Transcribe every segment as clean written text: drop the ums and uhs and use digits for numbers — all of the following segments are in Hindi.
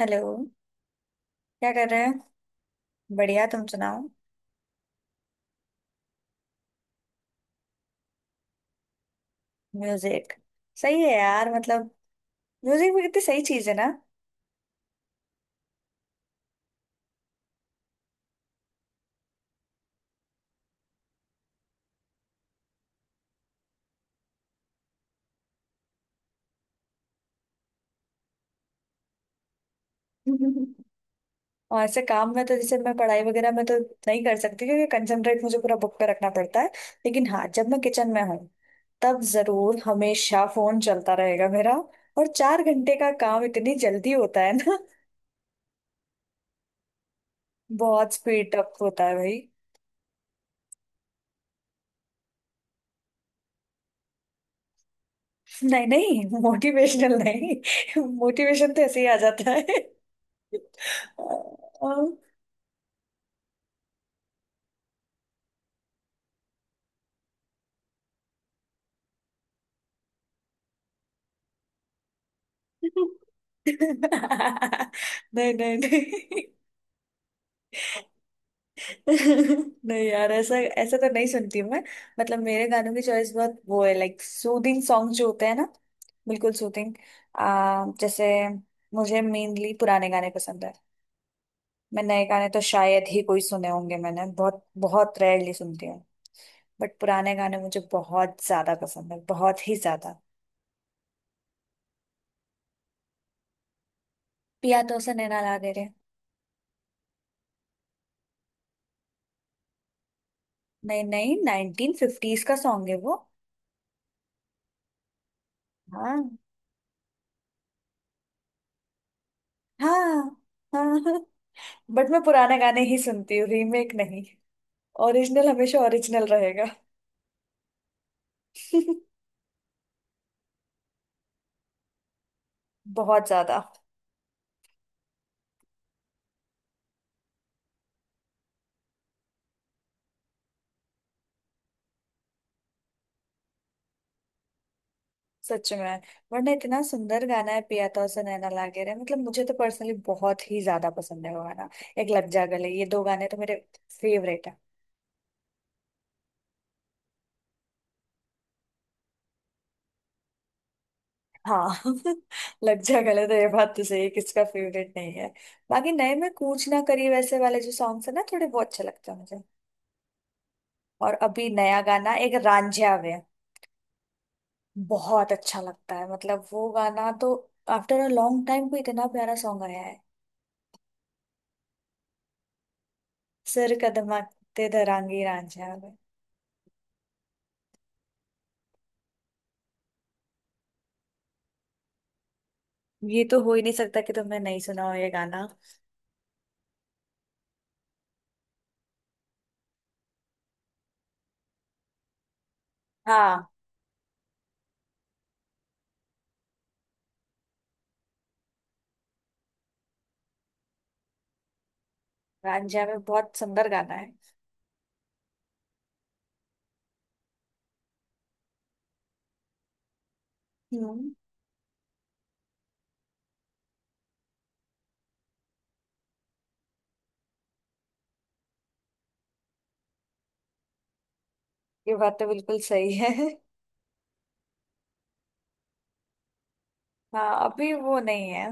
हेलो। क्या कर रहे हैं? बढ़िया, तुम सुनाओ। म्यूजिक सही है यार। मतलब म्यूजिक भी कितनी सही चीज है ना। और ऐसे काम में तो जैसे मैं पढ़ाई वगैरह में तो नहीं कर सकती, क्योंकि कंसंट्रेट मुझे पूरा बुक पे रखना पड़ता है। लेकिन हाँ, जब मैं किचन में हूँ तब जरूर हमेशा फोन चलता रहेगा मेरा। और चार घंटे का काम इतनी जल्दी होता है ना। बहुत स्पीड अप होता है भाई। नहीं नहीं मोटिवेशनल नहीं। मोटिवेशन तो ऐसे ही आ जाता है। नहीं नहीं। नहीं नहीं यार, ऐसा ऐसा तो नहीं सुनती हूँ मैं। मतलब मेरे गानों की चॉइस बहुत वो है, लाइक सूदिंग सॉन्ग जो होते हैं ना, बिल्कुल सूदिंग। आ जैसे मुझे मेनली पुराने गाने पसंद है। मैं नए गाने तो शायद ही कोई सुने होंगे मैंने, बहुत बहुत रेयरली सुनती हूँ। बट पुराने गाने मुझे बहुत ज्यादा पसंद है, बहुत ही ज्यादा। पिया तो उसे नैना ला दे रे। नहीं नहीं, नाइनटीन फिफ्टीज का सॉन्ग है वो। हाँ। हाँ हाँ हाँ। बट मैं पुराने गाने ही सुनती हूँ, रीमेक नहीं। ओरिजिनल हमेशा ओरिजिनल रहेगा। बहुत ज्यादा। सच में, वरना इतना सुंदर गाना है पिया तो उसे नैना लागे रे। मतलब मुझे तो पर्सनली बहुत ही ज्यादा पसंद है वो गाना। एक लग जा गले, ये दो गाने तो मेरे फेवरेट है। हाँ लग जा गले तो ये बात तो सही है, किसका फेवरेट नहीं है। बाकी नए में कूच ना करी वैसे वाले जो सॉन्ग्स है ना, थोड़े बहुत अच्छे लगते हैं मुझे। और अभी नया गाना एक रांझिया वे बहुत अच्छा लगता है, मतलब वो गाना तो आफ्टर अ लॉन्ग टाइम को इतना प्यारा सॉन्ग आया है। सिर कदमा ते दरांगी रांझा में। ये तो हो ही नहीं सकता कि तुमने नहीं सुना हो ये गाना। हाँ, रांझा में बहुत सुंदर गाना है। हम्म। ये बात तो बिल्कुल सही है। हाँ, अभी वो नहीं है।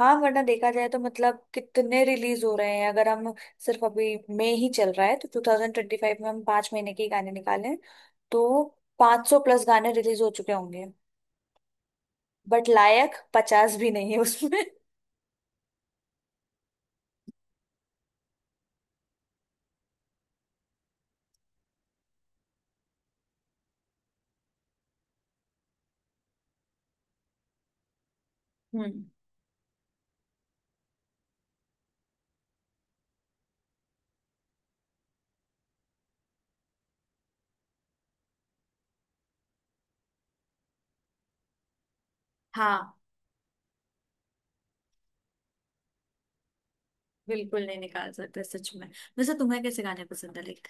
हाँ, वरना देखा जाए तो मतलब कितने रिलीज हो रहे हैं। अगर हम सिर्फ अभी मई ही चल रहा है तो 2025 में हम पांच महीने के ही गाने निकालें तो 500 प्लस गाने रिलीज हो चुके होंगे। बट लायक पचास भी नहीं है उसमें। हम्म। हाँ, बिल्कुल नहीं निकाल सकते, सच में। वैसे तुम्हें कैसे गाने पसंद है लाइक?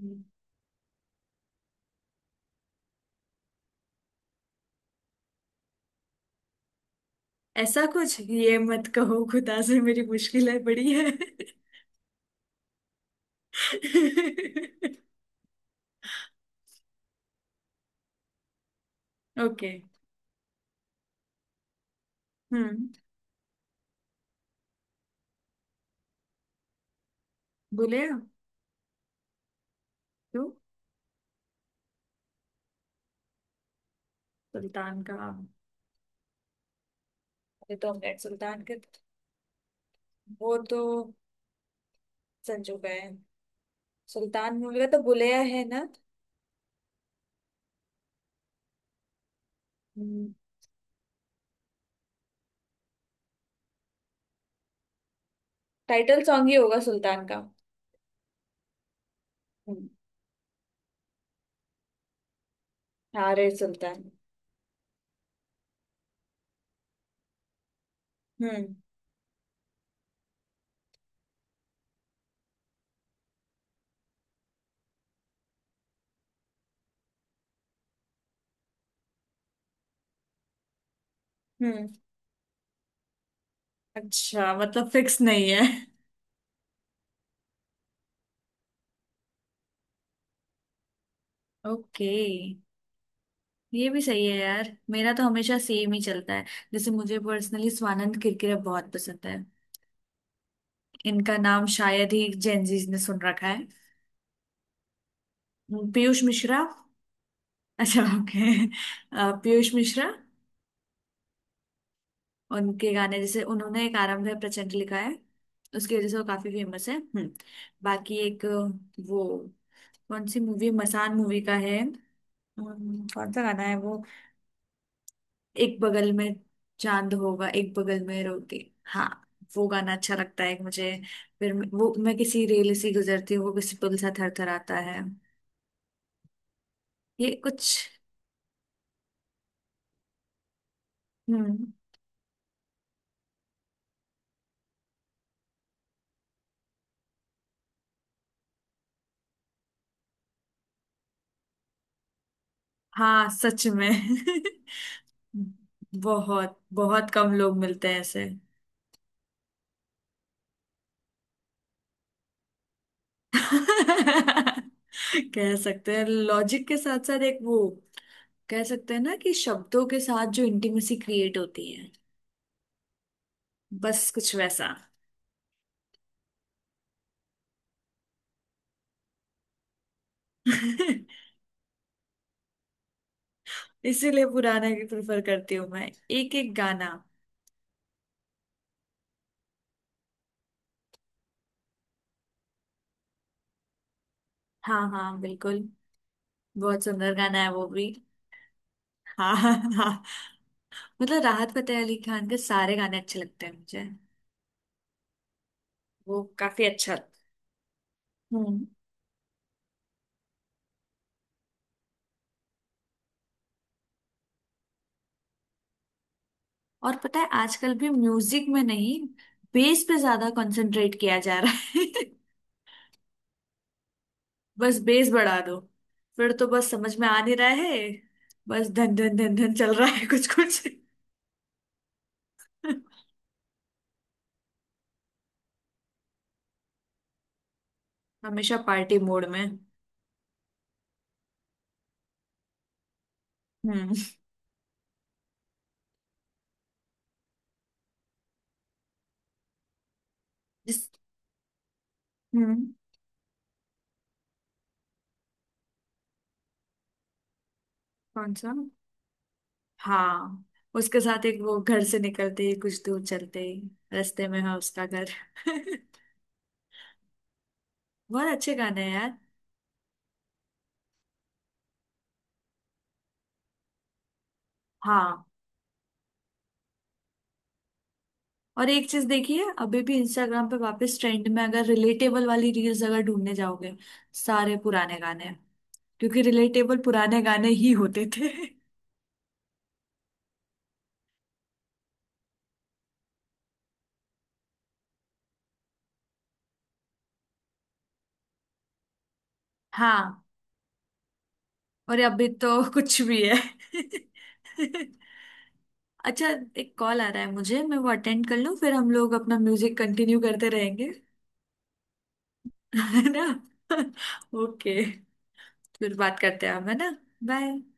हम्म। ऐसा कुछ, ये मत कहो खुदा से मेरी मुश्किल है बड़ी है। ओके। हम्म। बोले? क्यों? सुल्तान का? ये तो हमने सुल्तान के वो तो संजू का है। सुल्तान मूवी का तो बुलेया है ना। हम्म, टाइटल सॉन्ग ही होगा सुल्तान का। हम्म। हाँ, रे सुल्तान। हम्म। हम्म अच्छा, मतलब फिक्स नहीं है। ओके, ये भी सही है यार, मेरा तो हमेशा सेम ही चलता है। जैसे मुझे पर्सनली स्वानंद किरकिरे बहुत पसंद है। इनका नाम शायद ही जेनजीज ने सुन रखा है। पीयूष मिश्रा। अच्छा, ओके। पीयूष मिश्रा, उनके गाने जैसे उन्होंने एक आरंभ है प्रचंड लिखा है, उसकी वजह से वो काफी फेमस है। हम्म। बाकी एक वो कौन सी मूवी, मसान मूवी का है। कौन सा गाना है वो? एक बगल में चांद होगा, एक बगल में रोती। हाँ, वो गाना अच्छा लगता है मुझे। फिर वो मैं किसी रेल से गुजरती हूँ वो किसी पुल सा थरथराता है, ये कुछ। हम्म। हाँ, सच में। बहुत बहुत कम लोग मिलते हैं ऐसे। कह सकते हैं, लॉजिक के साथ साथ एक वो, कह सकते हैं ना कि शब्दों के साथ जो इंटीमेसी क्रिएट होती है, बस कुछ वैसा। इसीलिए पुराना ही प्रेफर करती हूँ मैं, एक एक गाना। हाँ हाँ, बिल्कुल। बहुत सुंदर गाना है वो भी। हाँ हाँ हाँ, मतलब राहत फतेह अली खान के सारे गाने अच्छे लगते हैं मुझे। वो काफी अच्छा। हम्म। और पता है आजकल भी म्यूजिक में नहीं, बेस पे ज्यादा कंसंट्रेट किया जा रहा है। बस बेस बढ़ा दो, फिर तो बस समझ में आ नहीं रहा है। बस धन धन धन धन चल रहा है, कुछ कुछ। हमेशा पार्टी मोड में। हम्म। जिस। हम्म। कौन सा? हाँ, उसके साथ एक वो, घर से निकलते ही कुछ दूर चलते ही रास्ते में है उसका घर। बहुत अच्छे गाने हैं यार। हाँ। और एक चीज देखिए, अभी भी इंस्टाग्राम पे वापस ट्रेंड में अगर रिलेटेबल वाली रील्स अगर ढूंढने जाओगे, सारे पुराने गाने हैं, क्योंकि रिलेटेबल पुराने गाने ही होते थे। हाँ, और अभी तो कुछ भी है। अच्छा, एक कॉल आ रहा है मुझे, मैं वो अटेंड कर लूँ, फिर हम लोग अपना म्यूजिक कंटिन्यू करते रहेंगे, है ना? ओके, फिर बात करते हैं हम, है ना? बाय।